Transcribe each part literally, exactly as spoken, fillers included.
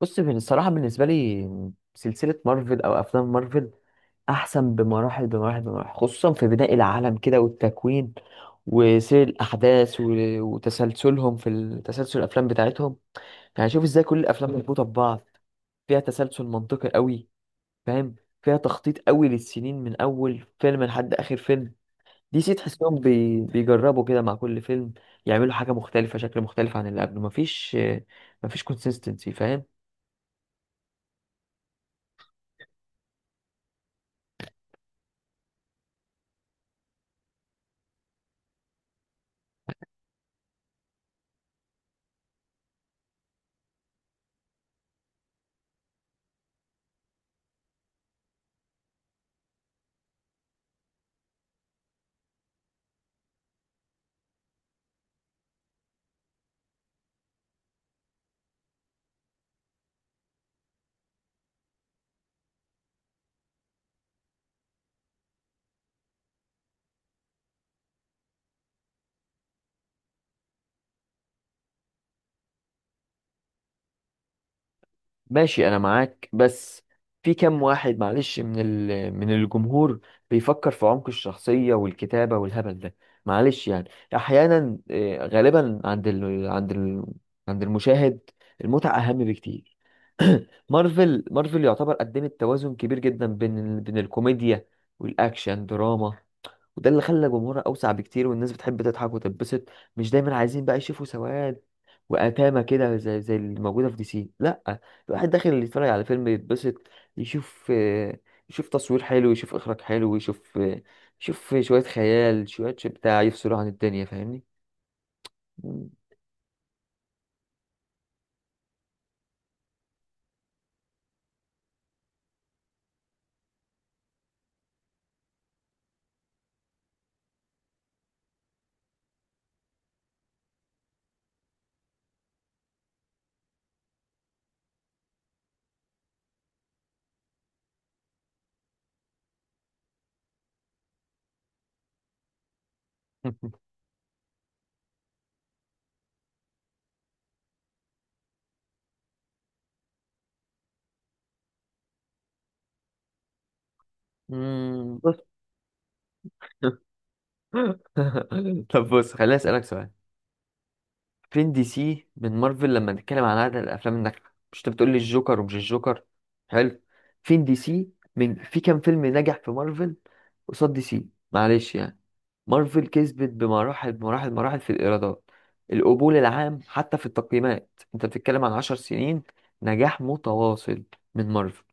بص من الصراحة بالنسبة لي سلسلة مارفل أو أفلام مارفل أحسن بمراحل بمراحل بمراحل، خصوصا في بناء العالم كده والتكوين وسير الأحداث و- وتسلسلهم في ال- تسلسل الأفلام بتاعتهم. يعني شوف إزاي كل الأفلام مربوطة ببعض، فيها تسلسل منطقي قوي، فاهم؟ فيها تخطيط قوي للسنين من أول فيلم لحد آخر فيلم. دي سي تحسهم بي... بيجربوا كده مع كل فيلم، يعملوا حاجة مختلفة، شكل مختلف عن اللي قبله. مفيش، مفيش كونسيستنسي، فاهم؟ ماشي، انا معاك، بس في كام واحد، معلش، من ال... من الجمهور بيفكر في عمق الشخصية والكتابة والهبل ده؟ معلش يعني. احيانا آه، غالبا عند ال... عند ال... عند المشاهد المتعة اهم بكتير. مارفل، مارفل يعتبر قدمت توازن كبير جدا بين ال... بين الكوميديا والاكشن دراما، وده اللي خلى جمهورها أوسع بكتير. والناس بتحب تضحك وتتبسط، مش دايما عايزين بقى يشوفوا سواد وأتامة كده زي زي اللي موجودة في دي سي، لأ. الواحد داخل اللي يتفرج على فيلم يتبسط، يشوف، آه، يشوف تصوير حلو، يشوف إخراج حلو، يشوف، آه، يشوف شوية خيال شوية شو بتاع يفصلوا عن الدنيا، فاهمني؟ مم. مم، بص. طب بص، خليني أسألك سؤال. فين دي سي من مارفل لما نتكلم عن عدد الافلام الناجحه؟ مش انت بتقول لي الجوكر ومش الجوكر؟ حلو. فين دي سي من، في كام فيلم نجح في مارفل قصاد دي سي؟ معلش يعني. مارفل كسبت بمراحل مراحل مراحل في الايرادات، القبول العام، حتى في التقييمات. انت بتتكلم عن عشر سنين نجاح متواصل من مارفل.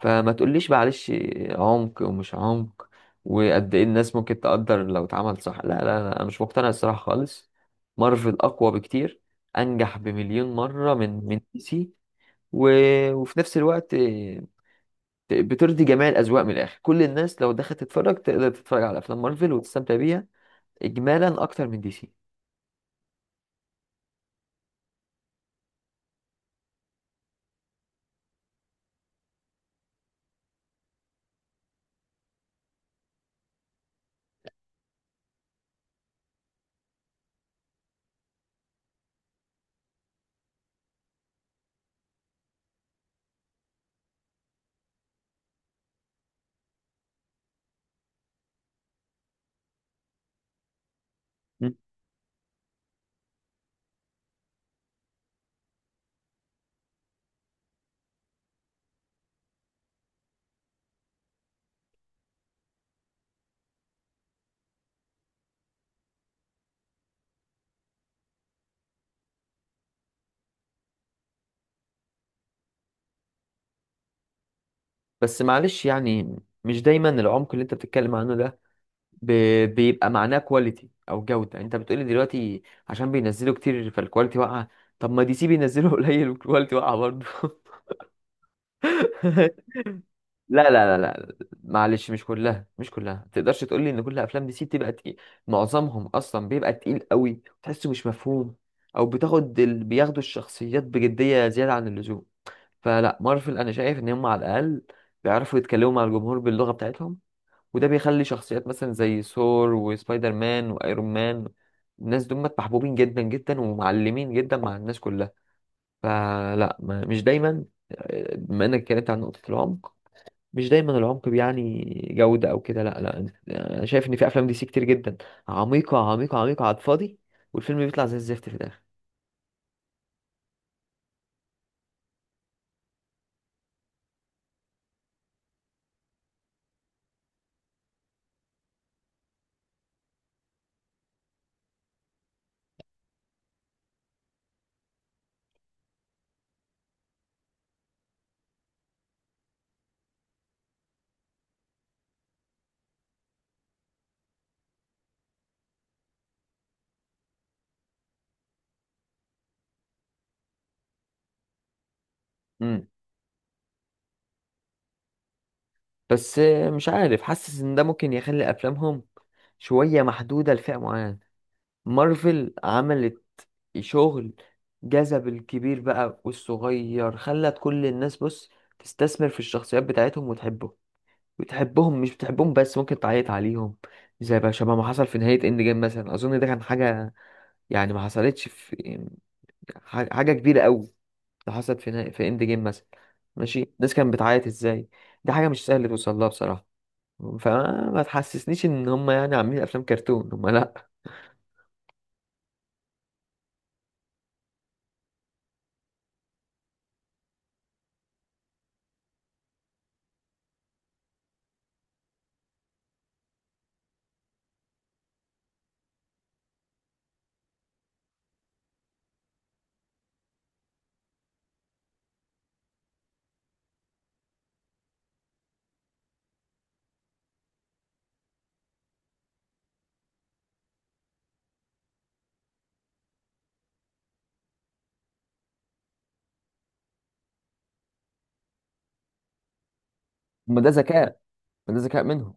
فما تقوليش معلش عمق ومش عمق وقد ايه الناس ممكن تقدر لو اتعمل صح. لا لا لا، انا مش مقتنع الصراحه خالص. مارفل اقوى بكتير، انجح بمليون مره من من دي سي. و... وفي نفس الوقت بترضي جميع الاذواق من الاخر. كل الناس لو دخلت تتفرج تقدر تتفرج على افلام مارفل وتستمتع بيها اجمالا اكتر من دي سي. م. بس معلش يعني، مش دايما العمق اللي انت بتتكلم عنه ده ب... بيبقى معناه كواليتي او جوده. يعني انت بتقولي دلوقتي عشان بينزلوا كتير فالكواليتي واقعه، طب ما دي سي بينزلوا قليل والكواليتي واقعه برضه. لا لا لا لا، معلش، مش كلها، مش كلها. ما تقدرش تقولي ان كل افلام دي سي بتبقى تقيل، معظمهم اصلا بيبقى تقيل قوي تحسه مش مفهوم، او بتاخد ال... بياخدوا الشخصيات بجديه زياده عن اللزوم. فلا، مارفل انا شايف ان هم على الاقل بيعرفوا يتكلموا مع الجمهور باللغه بتاعتهم، وده بيخلي شخصيات مثلا زي ثور وسبايدر مان وايرون مان، الناس دول محبوبين جدا جدا ومعلمين جدا مع الناس كلها. فلا، ما مش دايما. آه، بما انك اتكلمت عن نقطة العمق، مش دايما العمق بيعني جودة او كده، لا لا. انا شايف ان في افلام دي سي كتير جدا عميقة عميقة عميقة على الفاضي، والفيلم بيطلع زي الزفت في الاخر. امم، بس آه، مش عارف، حاسس ان ده ممكن يخلي افلامهم شوية محدودة لفئة معينة. مارفل عملت شغل جذب الكبير بقى والصغير، خلت كل الناس بص تستثمر في الشخصيات بتاعتهم وتحبهم. وتحبهم مش بتحبهم بس، ممكن تعيط عليهم، زي بقى شبه ما حصل في نهاية اند جيم مثلا. اظن ده كان حاجة يعني ما حصلتش في ح- حاجة كبيرة قوي ده حصلت في نهاية في اند جيم مثلا. ماشي، الناس كانت بتعيط ازاي؟ دي حاجة مش سهل توصل لها بصراحة. فما تحسسنيش ان هم يعني عاملين افلام كرتون، هم لا. هم ده ذكاء، ما ده ذكاء منهم.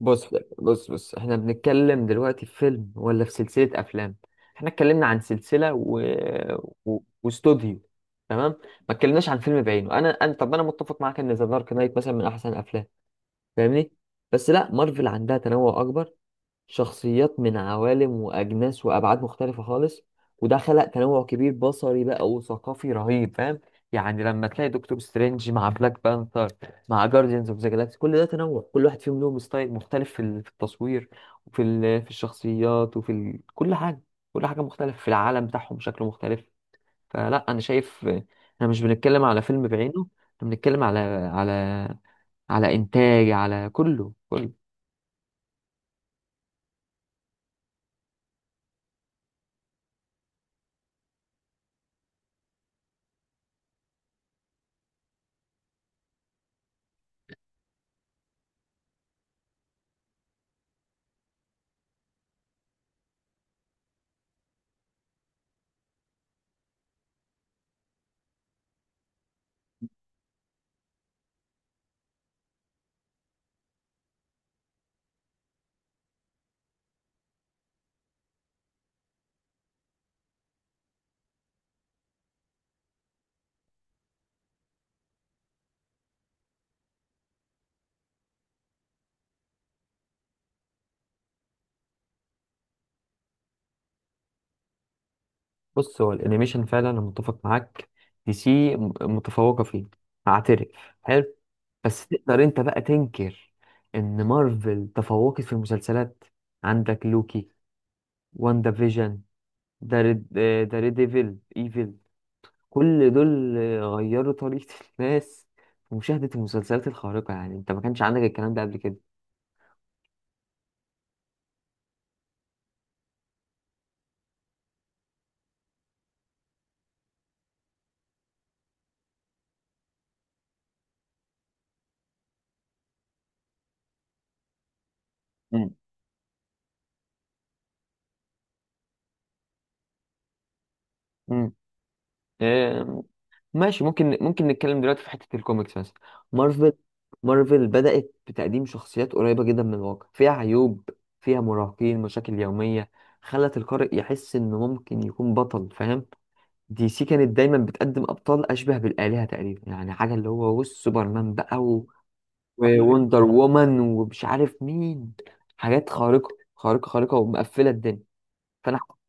بص، بص بص احنا بنتكلم دلوقتي في فيلم ولا في سلسلة افلام؟ احنا اتكلمنا عن سلسلة و... و... واستوديو، تمام؟ ما اتكلمناش عن فيلم بعينه. انا انا طب انا متفق معاك ان ذا دارك نايت مثلا من احسن الافلام، فاهمني؟ بس لا، مارفل عندها تنوع اكبر، شخصيات من عوالم وأجناس وأبعاد مختلفة خالص، وده خلق تنوع كبير بصري بقى وثقافي رهيب، فاهم؟ يعني لما تلاقي دكتور سترينج مع بلاك بانثر مع جارديانز اوف ذا جالاكسي، كل ده تنوع. كل واحد فيهم له ستايل مختلف في ال- في التصوير وفي ال- في الشخصيات وفي ال... كل حاجة. كل حاجة مختلفة في العالم بتاعهم، شكله مختلف. فلا، أنا شايف آه، احنا مش بنتكلم على فيلم بعينه، احنا بنتكلم على، على، على إنتاج، على كله كله. بص، هو الانيميشن فعلا انا متفق معاك، دي سي م- متفوقه فيه، هعترف، حلو. بس تقدر انت بقى تنكر ان مارفل تفوقت في المسلسلات؟ عندك لوكي، واندا فيجن، داري داري ديفل، ايفل، كل دول غيروا طريقه الناس في مشاهده المسلسلات الخارقه. يعني انت ما كانش عندك الكلام ده قبل كده. مم. مم. ماشي، ممكن ممكن نتكلم دلوقتي في حتة الكوميكس مثلا. مارفل، مارفل بدأت بتقديم شخصيات قريبة جدا من الواقع، فيها عيوب، فيها مراهقين، مشاكل يومية، خلت القارئ يحس إنه ممكن يكون بطل، فاهم؟ دي سي كانت دايما بتقدم أبطال أشبه بالآلهة تقريبا. يعني حاجة اللي هو بص سوبرمان بقى و... ووندر وومن ومش عارف مين، حاجات خارقة، خارقة خارقة ومقفلة الدنيا. فأنا